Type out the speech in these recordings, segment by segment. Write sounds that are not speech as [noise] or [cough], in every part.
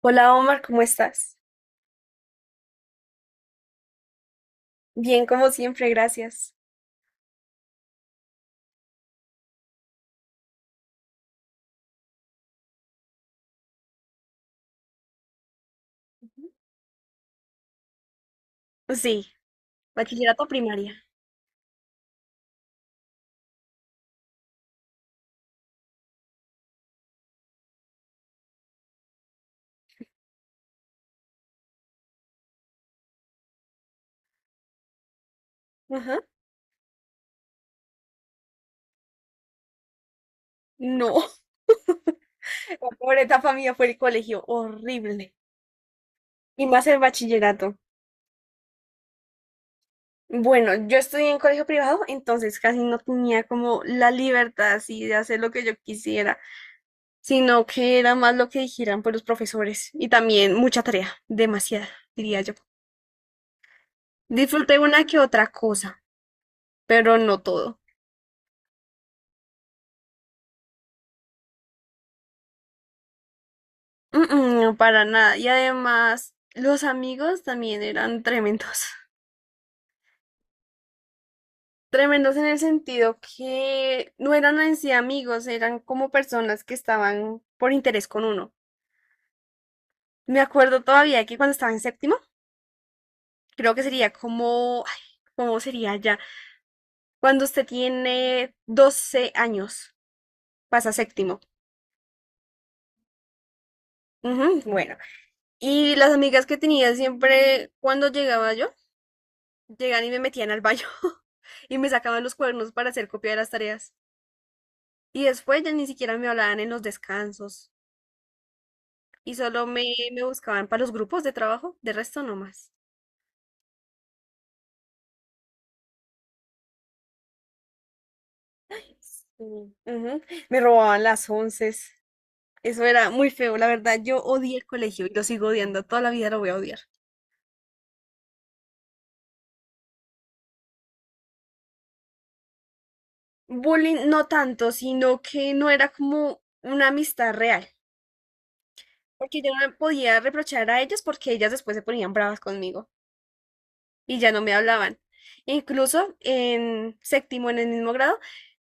Hola Omar, ¿cómo estás? Bien, como siempre, gracias. Ujú. Sí, bachillerato primaria. Ajá. No, [laughs] la pobre etapa mía fue el colegio, horrible. Y más el bachillerato. Bueno, yo estudié en colegio privado, entonces casi no tenía como la libertad así de hacer lo que yo quisiera, sino que era más lo que dijeran por los profesores. Y también mucha tarea, demasiada, diría yo. Disfruté una que otra cosa, pero no todo. Mm, mm, para nada. Y además, los amigos también eran tremendos. [laughs] Tremendos en el sentido que no eran en sí amigos, eran como personas que estaban por interés con uno. Me acuerdo todavía que cuando estaba en séptimo, creo que sería como, ay, ¿cómo sería ya? Cuando usted tiene 12 años, pasa a séptimo. Ujú, bueno, y las amigas que tenía siempre cuando llegaba yo, llegaban y me metían al baño [laughs] y me sacaban los cuernos para hacer copia de las tareas. Y después ya ni siquiera me hablaban en los descansos y solo me buscaban para los grupos de trabajo, de resto no más. Sí, ujú. Me robaban las once. Eso era muy feo, la verdad, yo odié el colegio y lo sigo odiando, toda la vida lo voy a odiar. Bullying no tanto, sino que no era como una amistad real, porque yo no podía reprochar a ellas porque ellas después se ponían bravas conmigo. Y ya no me hablaban. Incluso en séptimo, en el mismo grado,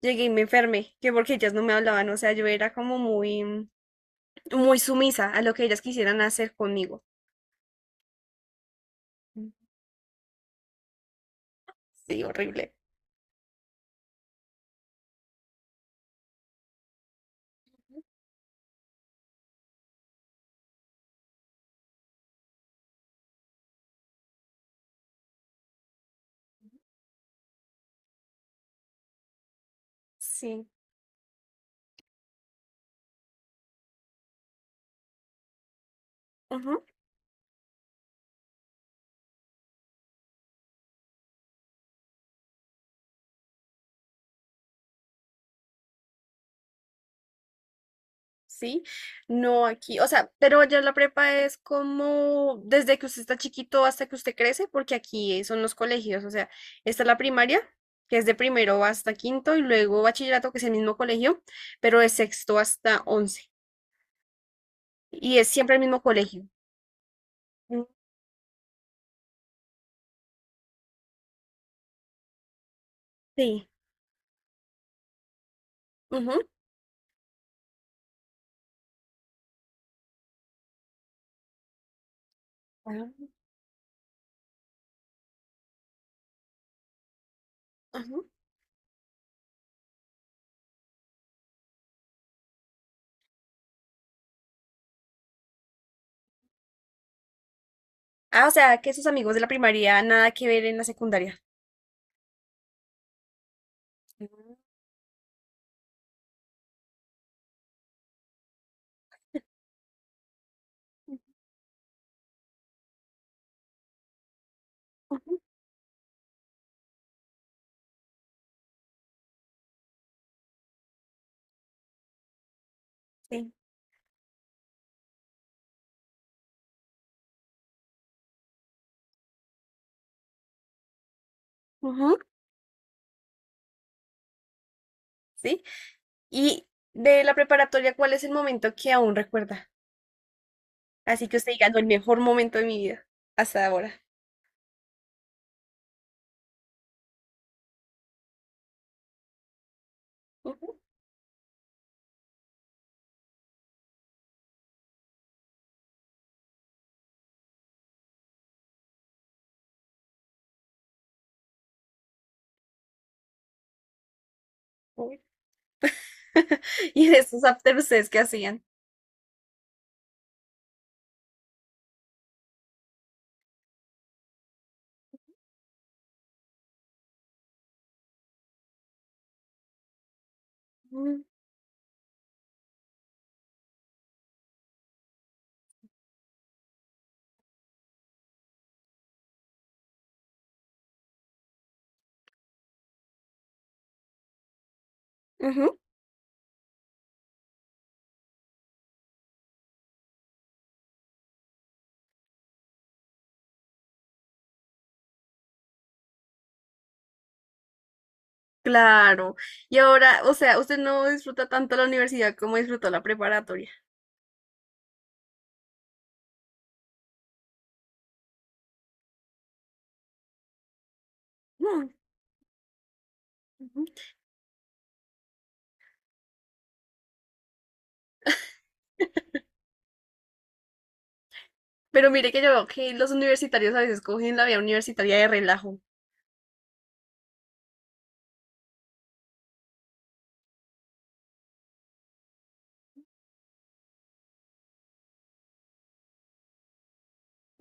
llegué y me enfermé, que porque ellas no me hablaban, o sea, yo era como muy sumisa a lo que ellas quisieran hacer conmigo. Sí, horrible. Sí, ujú. Sí, no aquí, o sea, pero ya la prepa es como desde que usted está chiquito hasta que usted crece, porque aquí son los colegios. O sea, está la primaria, que es de primero hasta quinto, y luego bachillerato, que es el mismo colegio, pero de sexto hasta 11. Y es siempre el mismo colegio. Mm, sí. Ujú. Ah, ujú. Ah, o sea, que sus amigos de la primaria nada que ver en la secundaria. Mm. Ujú. Sí. Ujú. ¿Sí? Y de la preparatoria, ¿cuál es el momento que aún recuerda? Así que usted diga, no, el mejor momento de mi vida hasta ahora. Ujú. Uy. [laughs] ¿Y de esos after ustedes que hacían? Mm. Ujú. Claro. Y ahora, o sea, usted no disfruta tanto la universidad como disfrutó la preparatoria. Mm. Ujú. Pero mire que yo veo que los universitarios a veces cogen la vida universitaria de relajo.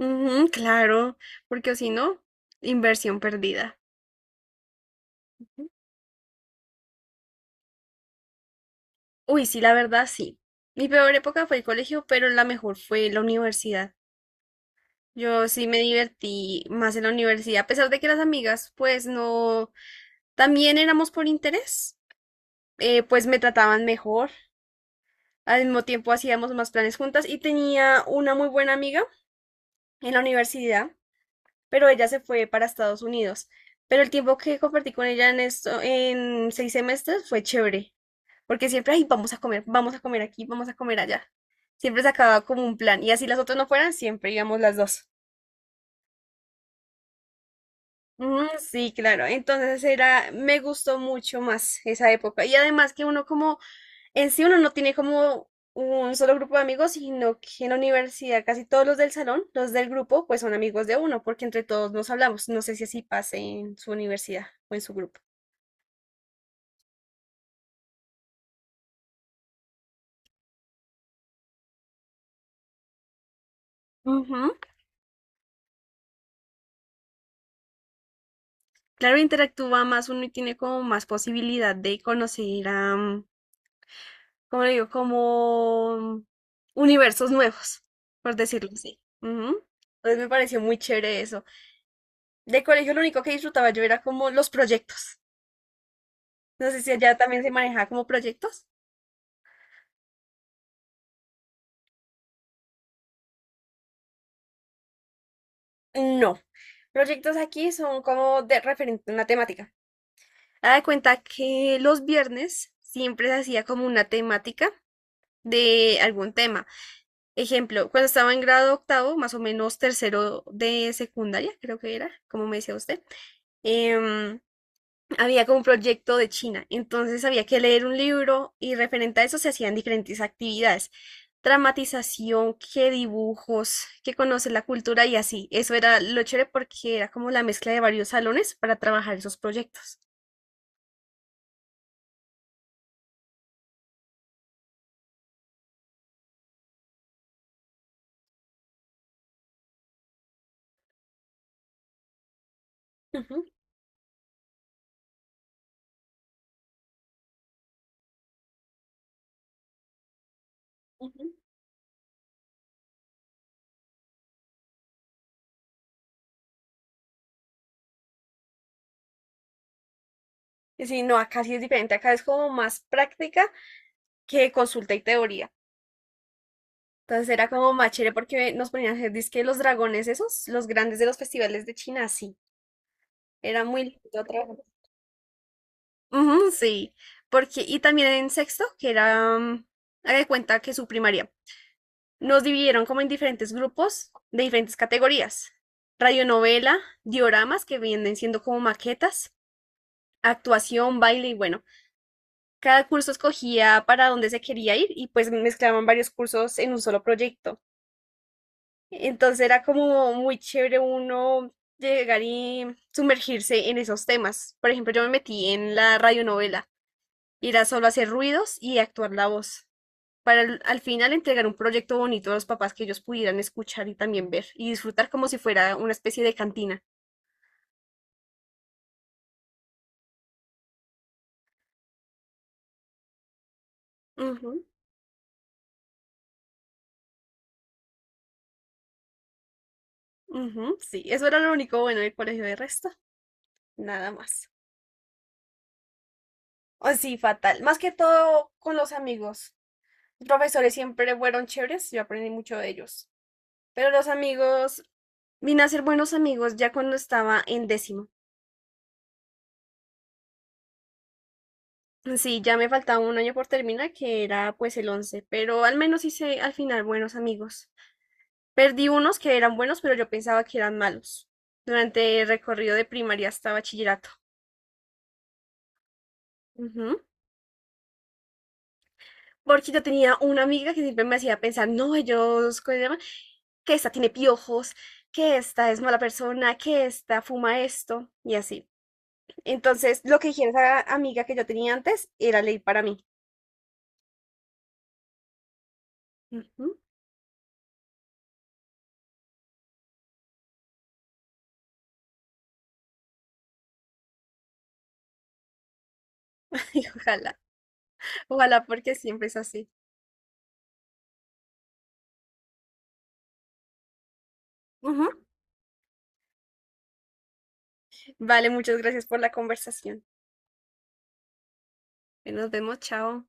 Ujú, claro, porque o si no, inversión perdida. Uy, sí, la verdad, sí. Mi peor época fue el colegio, pero la mejor fue la universidad. Yo sí me divertí más en la universidad, a pesar de que las amigas, pues no, también éramos por interés, pues me trataban mejor. Al mismo tiempo hacíamos más planes juntas y tenía una muy buena amiga en la universidad, pero ella se fue para Estados Unidos. Pero el tiempo que compartí con ella en esto, en 6 semestres fue chévere, porque siempre, ay, vamos a comer aquí, vamos a comer allá. Siempre se acababa como un plan, y así las otras no fueran, siempre íbamos las dos. Ujú, sí, claro. Entonces era, me gustó mucho más esa época. Y además que uno como, en sí, uno no tiene como un solo grupo de amigos, sino que en la universidad casi todos los del salón, los del grupo, pues son amigos de uno, porque entre todos nos hablamos. No sé si así pase en su universidad o en su grupo. Ujú. Claro, interactúa más uno y tiene como más posibilidad de conocer a, ¿cómo le digo? Como universos nuevos, por decirlo así. Ujú. Entonces me pareció muy chévere eso. De colegio lo único que disfrutaba yo era como los proyectos. No sé si allá también se manejaba como proyectos. No, proyectos aquí son como de referente a una temática. Haga de cuenta que los viernes siempre se hacía como una temática de algún tema. Ejemplo, cuando estaba en grado octavo, más o menos tercero de secundaria, creo que era, como me decía usted, em, había como un proyecto de China, entonces había que leer un libro y referente a eso se hacían diferentes actividades, dramatización, qué dibujos, qué conocer la cultura y así. Eso era lo chévere porque era como la mezcla de varios salones para trabajar esos proyectos. Ujú, ujú. Y sí, no, acá sí es diferente, acá es como más práctica que consulta y teoría. Entonces era como más chévere porque nos ponían a hacer dizque los dragones esos, los grandes de los festivales de China, sí. Era muy lindo trabajar, ujú, sí, porque, y también en sexto, que era, haga de cuenta que su primaria, nos dividieron como en diferentes grupos de diferentes categorías. Radionovela, dioramas, que vienen siendo como maquetas, actuación, baile, y bueno, cada curso escogía para dónde se quería ir y pues mezclaban varios cursos en un solo proyecto. Entonces era como muy chévere uno llegar y sumergirse en esos temas. Por ejemplo, yo me metí en la radionovela. Irá solo a hacer ruidos y actuar la voz, para al final entregar un proyecto bonito a los papás que ellos pudieran escuchar y también ver y disfrutar como si fuera una especie de cantina. Ujú, ujú, sí, eso era lo único bueno del colegio, de resto, nada más. Oh, sí, fatal. Más que todo con los amigos. Los profesores siempre fueron chéveres, yo aprendí mucho de ellos. Pero los amigos, vine a ser buenos amigos ya cuando estaba en décimo. Sí, ya me faltaba un año por terminar, que era pues el 11, pero al menos hice al final buenos amigos. Perdí unos que eran buenos, pero yo pensaba que eran malos durante el recorrido de primaria hasta bachillerato. Ujú. Porque yo tenía una amiga que siempre me hacía pensar, no, ellos, ¿cómo se llama? Que esta tiene piojos, que esta es mala persona, que esta fuma esto y así. Entonces, lo que dijera esa amiga que yo tenía antes era ley para mí. Ujú. [laughs] Y ojalá, ojalá porque siempre es así. Ujú. Vale, muchas gracias por la conversación. Nos vemos, chao.